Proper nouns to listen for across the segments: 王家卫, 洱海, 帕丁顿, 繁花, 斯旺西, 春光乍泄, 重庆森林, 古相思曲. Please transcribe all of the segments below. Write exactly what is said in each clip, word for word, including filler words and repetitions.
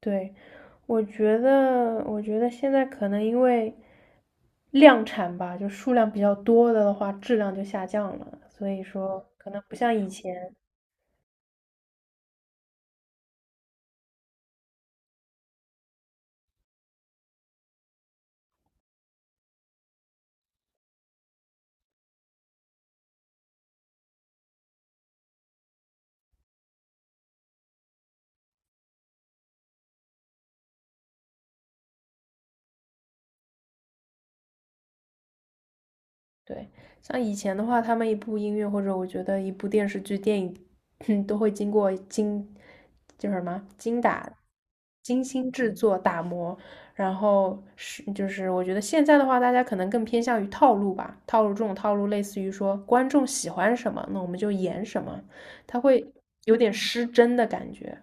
对，我觉得，我觉得现在可能因为量产吧，就数量比较多的话，质量就下降了，所以说可能不像以前，对，像以前的话，他们一部音乐或者我觉得一部电视剧、电影，都会经过精，叫什么精打、精心制作、打磨，然后是就是我觉得现在的话，大家可能更偏向于套路吧，套路这种套路类似于说观众喜欢什么，那我们就演什么，他会有点失真的感觉。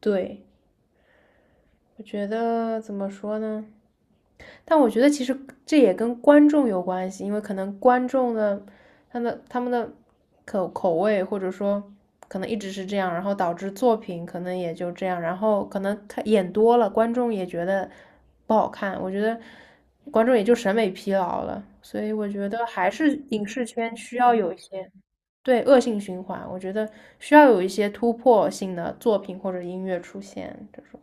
对，我觉得怎么说呢？但我觉得其实这也跟观众有关系，因为可能观众的他的他们的口口味或者说可能一直是这样，然后导致作品可能也就这样，然后可能他演多了，观众也觉得不好看，我觉得观众也就审美疲劳了，所以我觉得还是影视圈需要有一些对恶性循环，我觉得需要有一些突破性的作品或者音乐出现这种。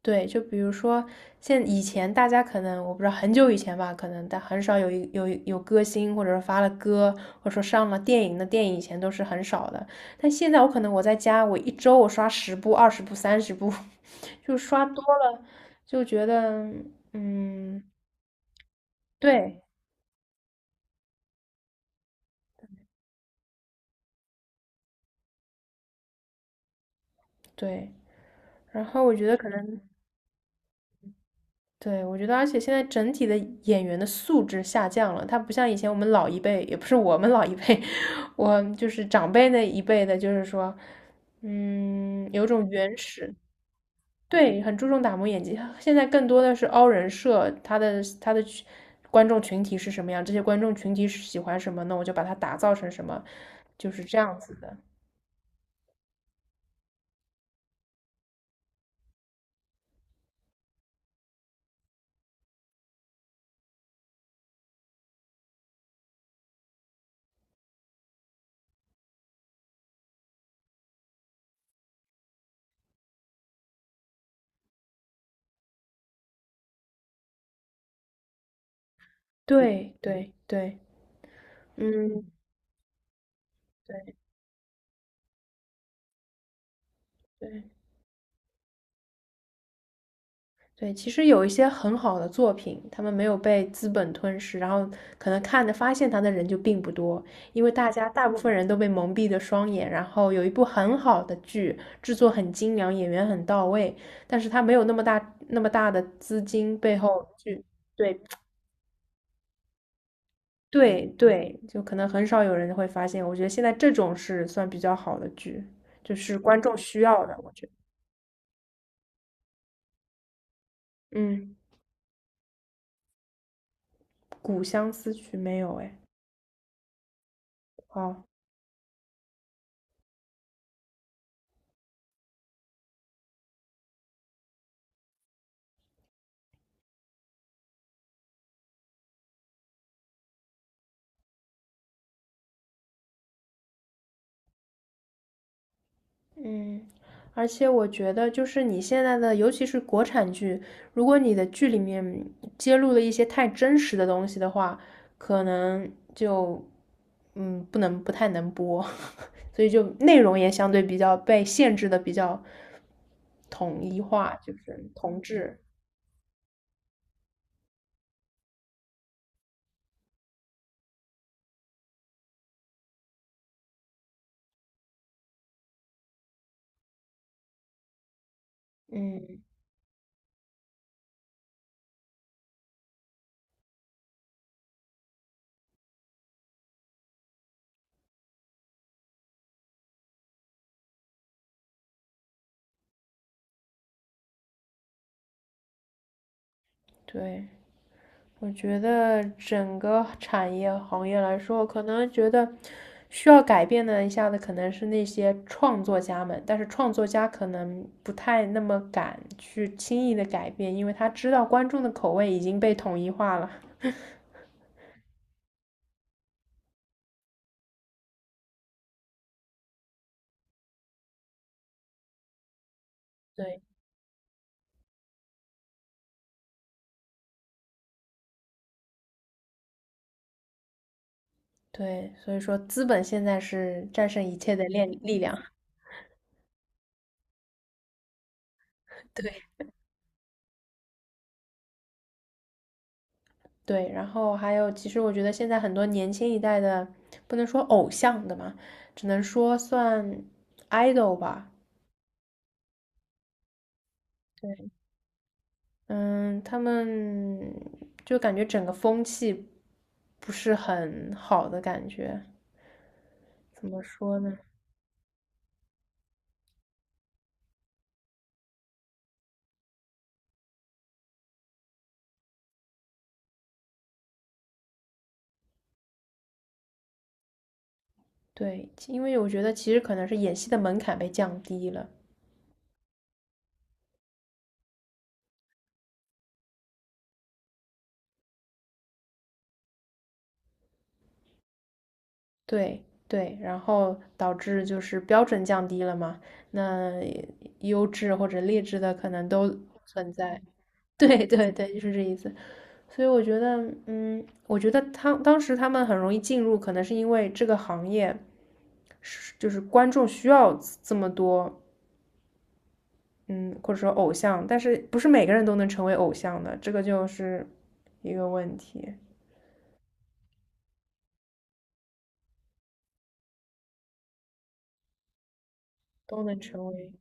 对，就比如说，现以前大家可能我不知道很久以前吧，可能但很少有一有有歌星，或者说发了歌，或者说上了电影的电影，以前都是很少的。但现在我可能我在家，我一周我刷十部、二十部、三十部，就刷多了，就觉得嗯，对对。然后我觉得可能对，我觉得，而且现在整体的演员的素质下降了，他不像以前我们老一辈，也不是我们老一辈，我就是长辈那一辈的，就是说，嗯，有种原始，对，很注重打磨演技。现在更多的是凹人设，他的他的群观众群体是什么样，这些观众群体是喜欢什么，那我就把它打造成什么，就是这样子的。对对对，嗯，对对。对，其实有一些很好的作品，他们没有被资本吞噬，然后可能看的发现它的人就并不多，因为大家大部分人都被蒙蔽的双眼。然后有一部很好的剧，制作很精良，演员很到位，但是它没有那么大那么大的资金背后去，对对对，就可能很少有人会发现。我觉得现在这种是算比较好的剧，就是观众需要的，我觉得。嗯，《古相思曲》没有哎，好。嗯，而且我觉得，就是你现在的，尤其是国产剧，如果你的剧里面揭露了一些太真实的东西的话，可能就嗯不能不太能播，所以就内容也相对比较被限制的比较统一化，就是同质。嗯，对。我觉得整个产业行业来说，可能觉得需要改变的一下子可能是那些创作家们，但是创作家可能不太那么敢去轻易的改变，因为他知道观众的口味已经被统一化了。对对，所以说资本现在是战胜一切的力力量 对，对，然后还有，其实我觉得现在很多年轻一代的，不能说偶像的嘛，只能说算 idol 吧。嗯，他们就感觉整个风气不是很好的感觉，怎么说呢？对，因为我觉得其实可能是演戏的门槛被降低了，对对，然后导致就是标准降低了嘛，那优质或者劣质的可能都存在。对对对，就是这意思。所以我觉得，嗯，我觉得他当时他们很容易进入，可能是因为这个行业是就是观众需要这么多嗯，或者说偶像，但是不是每个人都能成为偶像的，这个就是一个问题。都能成为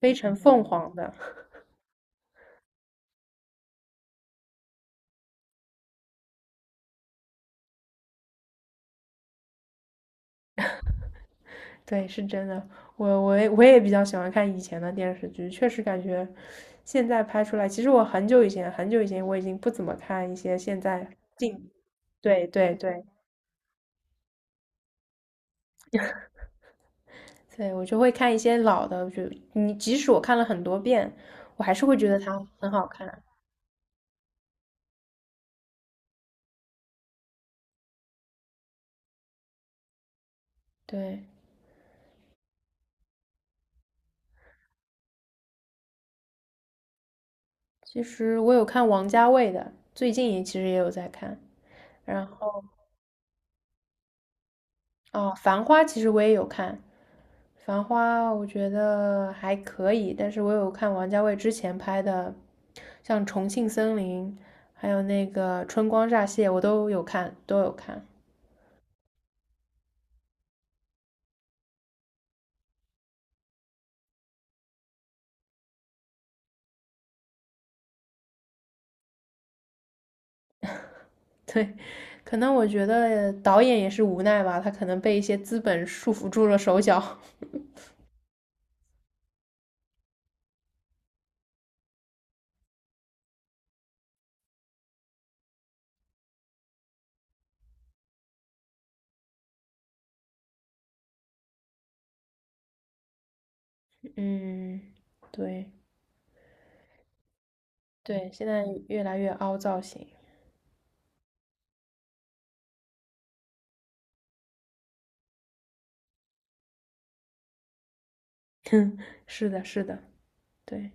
飞乘凤凰的，对，是真的。我我也我也比较喜欢看以前的电视剧，确实感觉现在拍出来，其实我很久以前很久以前我已经不怎么看一些现在近，对对对对，我就会看一些老的，就你即使我看了很多遍，我还是会觉得它很好看。对，其实我有看王家卫的，最近也其实也有在看。然后哦，《繁花》其实我也有看，《繁花》我觉得还可以，但是我有看王家卫之前拍的，像《重庆森林》，还有那个《春光乍泄》，我都有看，都有看。对，可能我觉得导演也是无奈吧，他可能被一些资本束缚住了手脚。嗯，对对，现在越来越凹造型。哼，是的，是的，对。